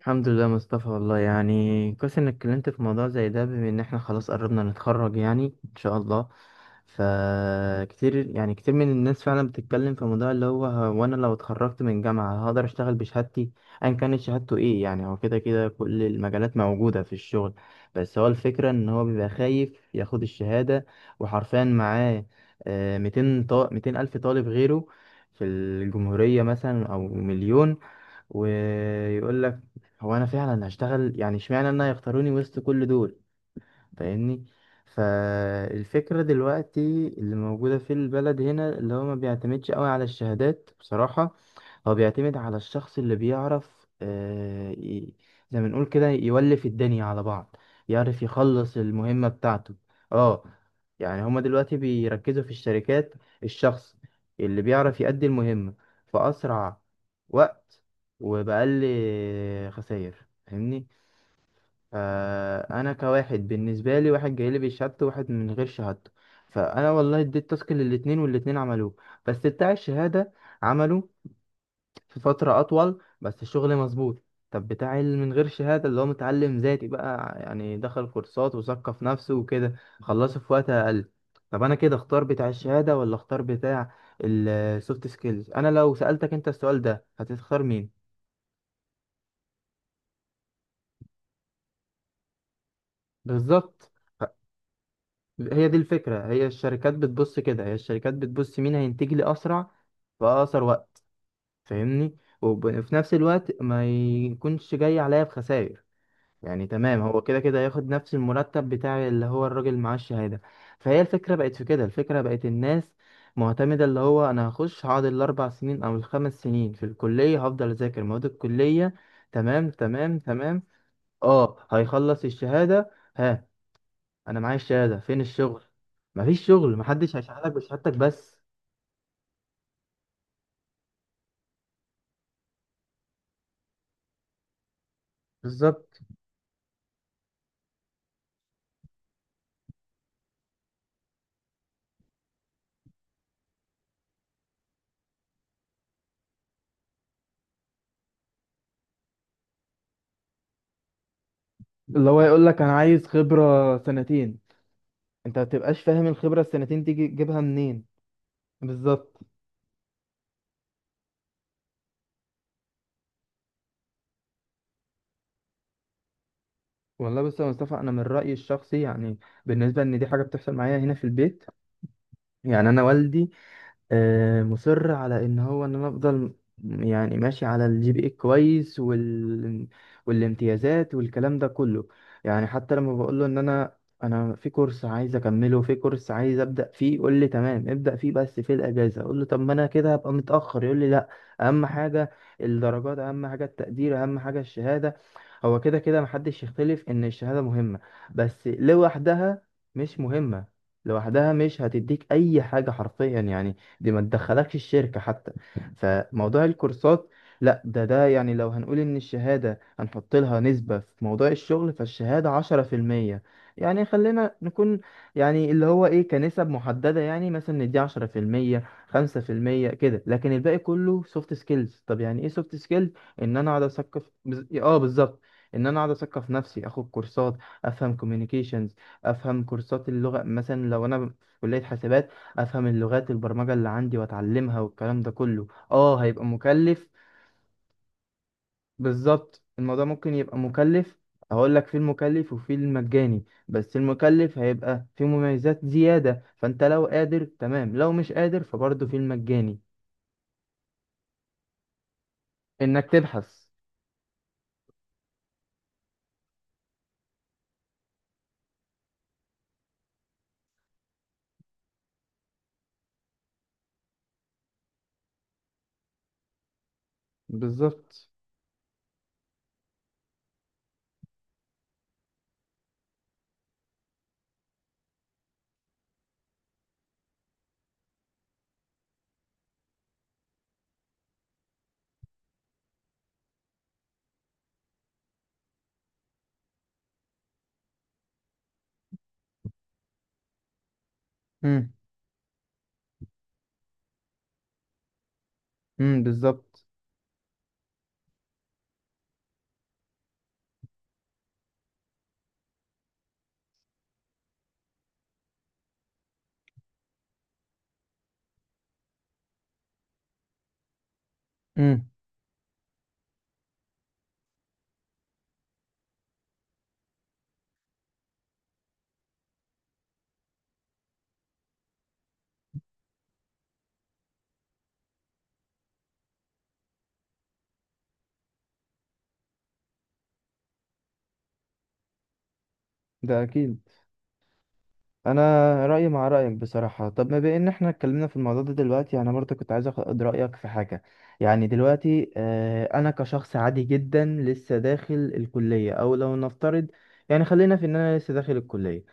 الحمد لله مصطفى، والله يعني كويس انك اتكلمت في موضوع زي ده بما ان احنا خلاص قربنا نتخرج يعني ان شاء الله. فكتير يعني كتير من الناس فعلا بتتكلم في موضوع اللي هو انا لو اتخرجت من جامعة هقدر اشتغل بشهادتي. ايا كانت شهادته ايه، يعني هو كده كده كل المجالات موجودة في الشغل. بس هو الفكرة ان هو بيبقى خايف ياخد الشهادة، وحرفيا معاه 200 200 الف طالب غيره في الجمهورية مثلا او مليون. ويقول لك، هو انا فعلا هشتغل؟ يعني اشمعنى انا يختاروني وسط كل دول؟ فاهمني؟ فالفكرة دلوقتي اللي موجودة في البلد هنا، اللي هو ما بيعتمدش قوي على الشهادات بصراحة. هو بيعتمد على الشخص اللي بيعرف، زي ما نقول كده، يولف الدنيا على بعض، يعرف يخلص المهمة بتاعته. اه، يعني هما دلوقتي بيركزوا في الشركات، الشخص اللي بيعرف يأدي المهمة في أسرع وقت وبأقل خسائر. فاهمني؟ فأنا كواحد بالنسبة لي، واحد جاي لي بشهادته وواحد من غير شهادته. فأنا والله اديت تاسك للاتنين، والاتنين عملوه بس بتاع الشهادة عمله في فترة أطول بس الشغل مظبوط. طب بتاع اللي من غير شهادة، اللي هو متعلم ذاتي بقى يعني دخل كورسات وثقف نفسه وكده، خلصه في وقت أقل. طب أنا كده أختار بتاع الشهادة ولا أختار بتاع السوفت سكيلز؟ أنا لو سألتك أنت السؤال ده هتختار مين؟ بالظبط. ه- هي دي الفكرة، هي الشركات بتبص كده، هي الشركات بتبص مين هينتج لي أسرع في أقصر وقت. فاهمني؟ وفي نفس الوقت ما يكونش جاي عليا بخسائر، يعني تمام، هو كده كده هياخد نفس المرتب بتاع اللي هو الراجل معاه الشهادة. فهي الفكرة بقت في كده، الفكرة بقت الناس معتمدة اللي هو أنا هخش هقعد الأربع سنين أو الخمس سنين في الكلية هفضل أذاكر مواد الكلية. تمام تمام تمام. اه، هيخلص الشهادة. ها، أنا معايا الشهادة، فين الشغل؟ مفيش شغل، محدش هيشغلك بشهادتك بس. بالظبط. اللي هو يقول لك أنا عايز خبرة سنتين، أنت ما بتبقاش فاهم الخبرة السنتين دي تجيبها منين. بالظبط. والله بص يا مصطفى، انا من رايي الشخصي يعني، بالنسبه ان دي حاجه بتحصل معايا هنا في البيت. يعني انا والدي مصر على ان هو ان انا افضل، يعني ماشي على الجي بي اي كويس والامتيازات والكلام ده كله. يعني حتى لما بقول له ان انا في كورس عايز اكمله، في كورس عايز ابدا فيه، يقول لي تمام ابدا فيه بس في الاجازه، اقول له طب ما انا كده هبقى متاخر، يقول لي لا. اهم حاجه الدرجات، اهم حاجه التقدير، اهم حاجه الشهاده. هو كده كده محدش يختلف ان الشهاده مهمه، بس لوحدها مش مهمه. لوحدها مش هتديك اي حاجه حرفيا يعني. دي ما تدخلكش الشركة حتى. فموضوع الكورسات، لا، ده يعني لو هنقول ان الشهادة هنحط لها نسبة في موضوع الشغل فالشهادة 10%. يعني خلينا نكون يعني اللي هو ايه كنسب محددة، يعني مثلا ندي 10%، 5% كده، لكن الباقي كله سوفت سكيلز. طب يعني ايه سوفت سكيلز؟ ان انا اقعد اثقف اه، بالظبط. ان انا اقعد اثقف نفسي، اخد كورسات. افهم كوميونيكيشنز، افهم كورسات اللغة مثلا، لو انا في كلية حاسبات افهم اللغات البرمجه اللي عندي واتعلمها، والكلام ده كله اه هيبقى مكلف. بالظبط، الموضوع ممكن يبقى مكلف. هقول لك في المكلف وفي المجاني، بس المكلف هيبقى فيه مميزات زياده، فانت لو قادر تمام، لو مش قادر فبرضه في المجاني انك تبحث. بالظبط. امم. امم. بالظبط. امم. ده اكيد. انا رايي مع رايك بصراحه. طب ما بان احنا اتكلمنا في الموضوع ده دلوقتي، يعني انا برضه كنت عايز اخد رايك في حاجه. يعني دلوقتي انا كشخص عادي جدا لسه داخل الكليه، او لو نفترض يعني خلينا في ان انا لسه داخل الكليه.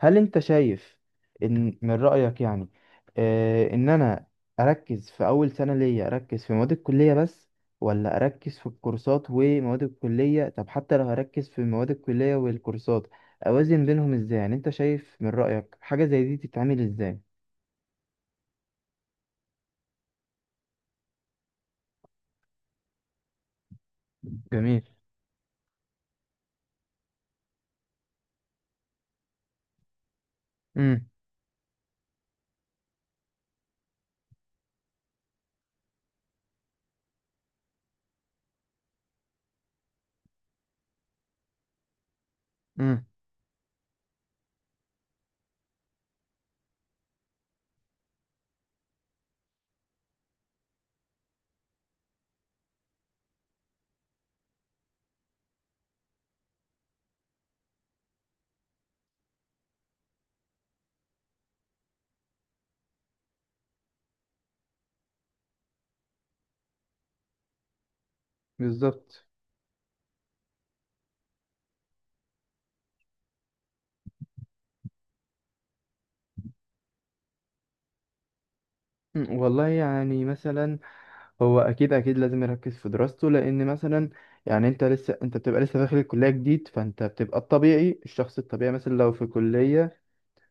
هل انت شايف ان من رأيك يعني، ان انا اركز في اول سنة ليا، اركز في مواد الكلية بس؟ ولا اركز في الكورسات ومواد الكلية؟ طب حتى لو هركز في مواد الكلية والكورسات، اوازن بينهم ازاي؟ يعني انت شايف من رأيك حاجة زي دي تتعمل ازاي؟ جميل. امم. امم. بالظبط. مم. والله يعني مثلا، هو اكيد اكيد لازم يركز في دراسته لان مثلا. يعني انت لسه انت بتبقى لسه داخل الكليه جديد، فانت بتبقى الطبيعي، الشخص الطبيعي مثلا لو في كليه.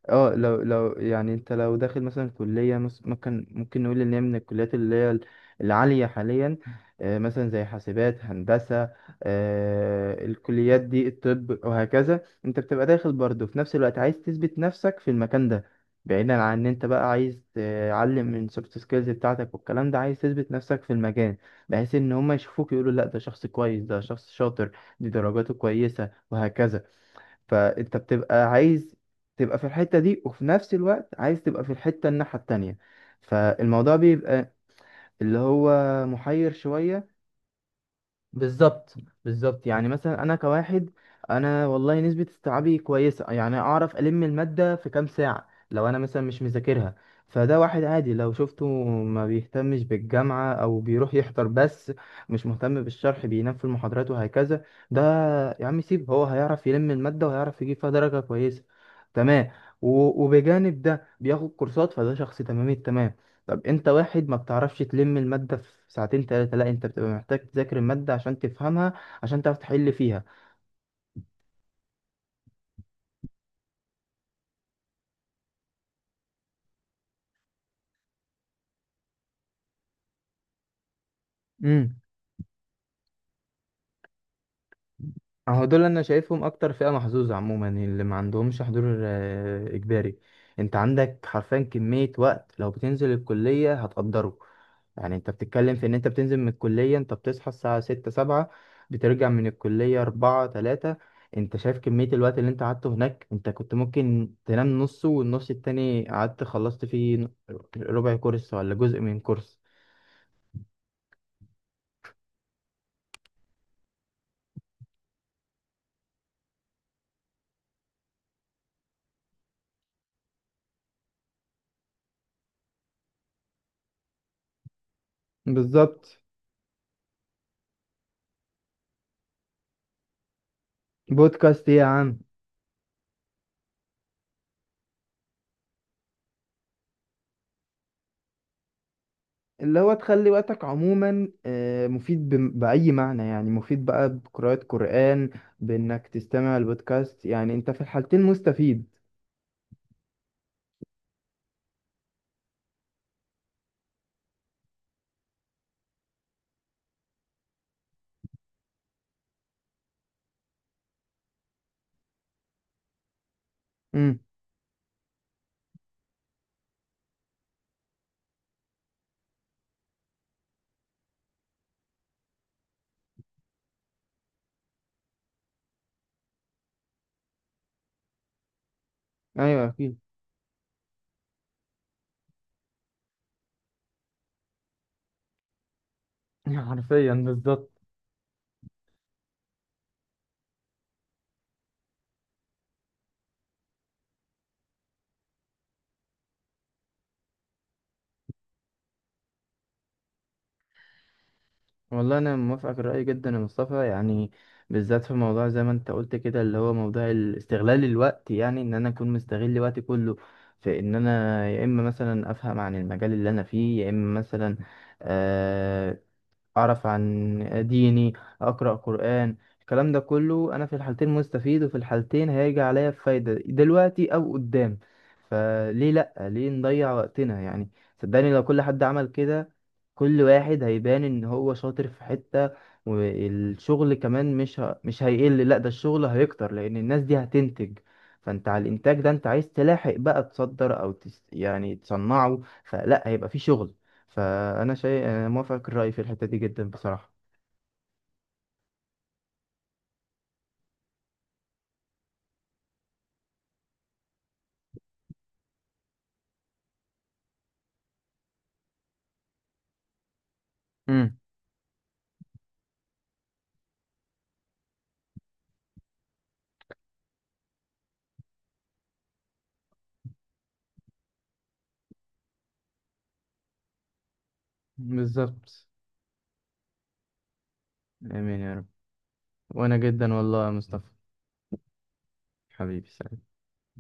اه، لو يعني انت لو داخل مثلا كلية ممكن نقول ان هي من الكليات اللي هي العالية حاليا. مثلا زي حاسبات هندسة. الكليات دي الطب وهكذا، انت بتبقى داخل برضه في نفس الوقت عايز تثبت نفسك في المكان ده. بعيدا عن ان انت بقى عايز تعلم من سوفت سكيلز بتاعتك والكلام ده، عايز تثبت نفسك في المكان بحيث ان هم يشوفوك يقولوا لا ده شخص كويس، ده شخص شاطر، دي درجاته كويسة وهكذا. فانت بتبقى عايز تبقى في الحتة دي، وفي نفس الوقت عايز تبقى في الحتة الناحية التانية، فالموضوع بيبقى اللي هو محير شوية. بالظبط. بالظبط. يعني مثلا انا كواحد، انا والله نسبة استيعابي كويسة، يعني اعرف المادة في كام ساعة لو انا مثلا مش مذاكرها. فده واحد عادي لو شفته ما بيهتمش بالجامعة او بيروح يحضر بس، مش مهتم بالشرح، بينام في المحاضرات وهكذا. ده يا عم سيب، هو هيعرف يلم المادة وهيعرف يجيب فيها درجة كويسة. تمام. وبجانب ده بياخد كورسات، فده شخص تمام التمام. طب انت واحد ما بتعرفش تلم المادة في ساعتين تلاتة، لا انت بتبقى محتاج تذاكر المادة عشان تفهمها، عشان تعرف تحل فيها. امم. اهو دول انا شايفهم اكتر فئة محظوظة عموما، اللي ما عندهمش حضور اجباري. انت عندك حرفيا كمية وقت لو بتنزل الكلية هتقدره. يعني انت بتتكلم في ان انت بتنزل من الكلية، انت بتصحى الساعة ستة سبعة. بترجع من الكلية أربعة تلاتة. انت شايف كمية الوقت اللي انت قعدته هناك، انت كنت ممكن تنام نصه، والنص التاني قعدت خلصت فيه ربع كورس، ولا جزء من كورس. بالظبط. بودكاست ايه يا عم؟ اللي هو تخلي وقتك عموما مفيد بأي معنى، يعني مفيد بقى بقراءة قرآن. بإنك تستمع البودكاست، يعني انت في الحالتين مستفيد. امم. ايوه، اكيد. حرفيا بالظبط. والله انا موافقك الرأي جدا يا مصطفى، يعني. بالذات في موضوع زي ما انت قلت كده، اللي هو موضوع استغلال الوقت، يعني ان انا اكون مستغل وقتي كله في ان انا يا اما مثلا افهم عن المجال اللي انا فيه، يا اما مثلا. آه، أعرف عن ديني، أقرأ قرآن، الكلام ده كله. أنا في الحالتين مستفيد وفي الحالتين هيجي عليا بفايدة دلوقتي أو قدام. فليه، لأ، ليه نضيع وقتنا يعني؟ صدقني، لو كل حد عمل كده، كل واحد هيبان إن هو شاطر في حتة، والشغل كمان مش هيقل، لأ ده الشغل هيكتر لأن الناس دي هتنتج. فانت على الانتاج ده، انت عايز تلاحق بقى تصدر او يعني تصنعه فلا هيبقى في شغل. فأنا شيء، أنا موافقك الرأي في الحتة دي جدا بصراحة. امم. بالظبط. آمين يا رب. وأنا جدا والله يا مصطفى، حبيبي، سلام.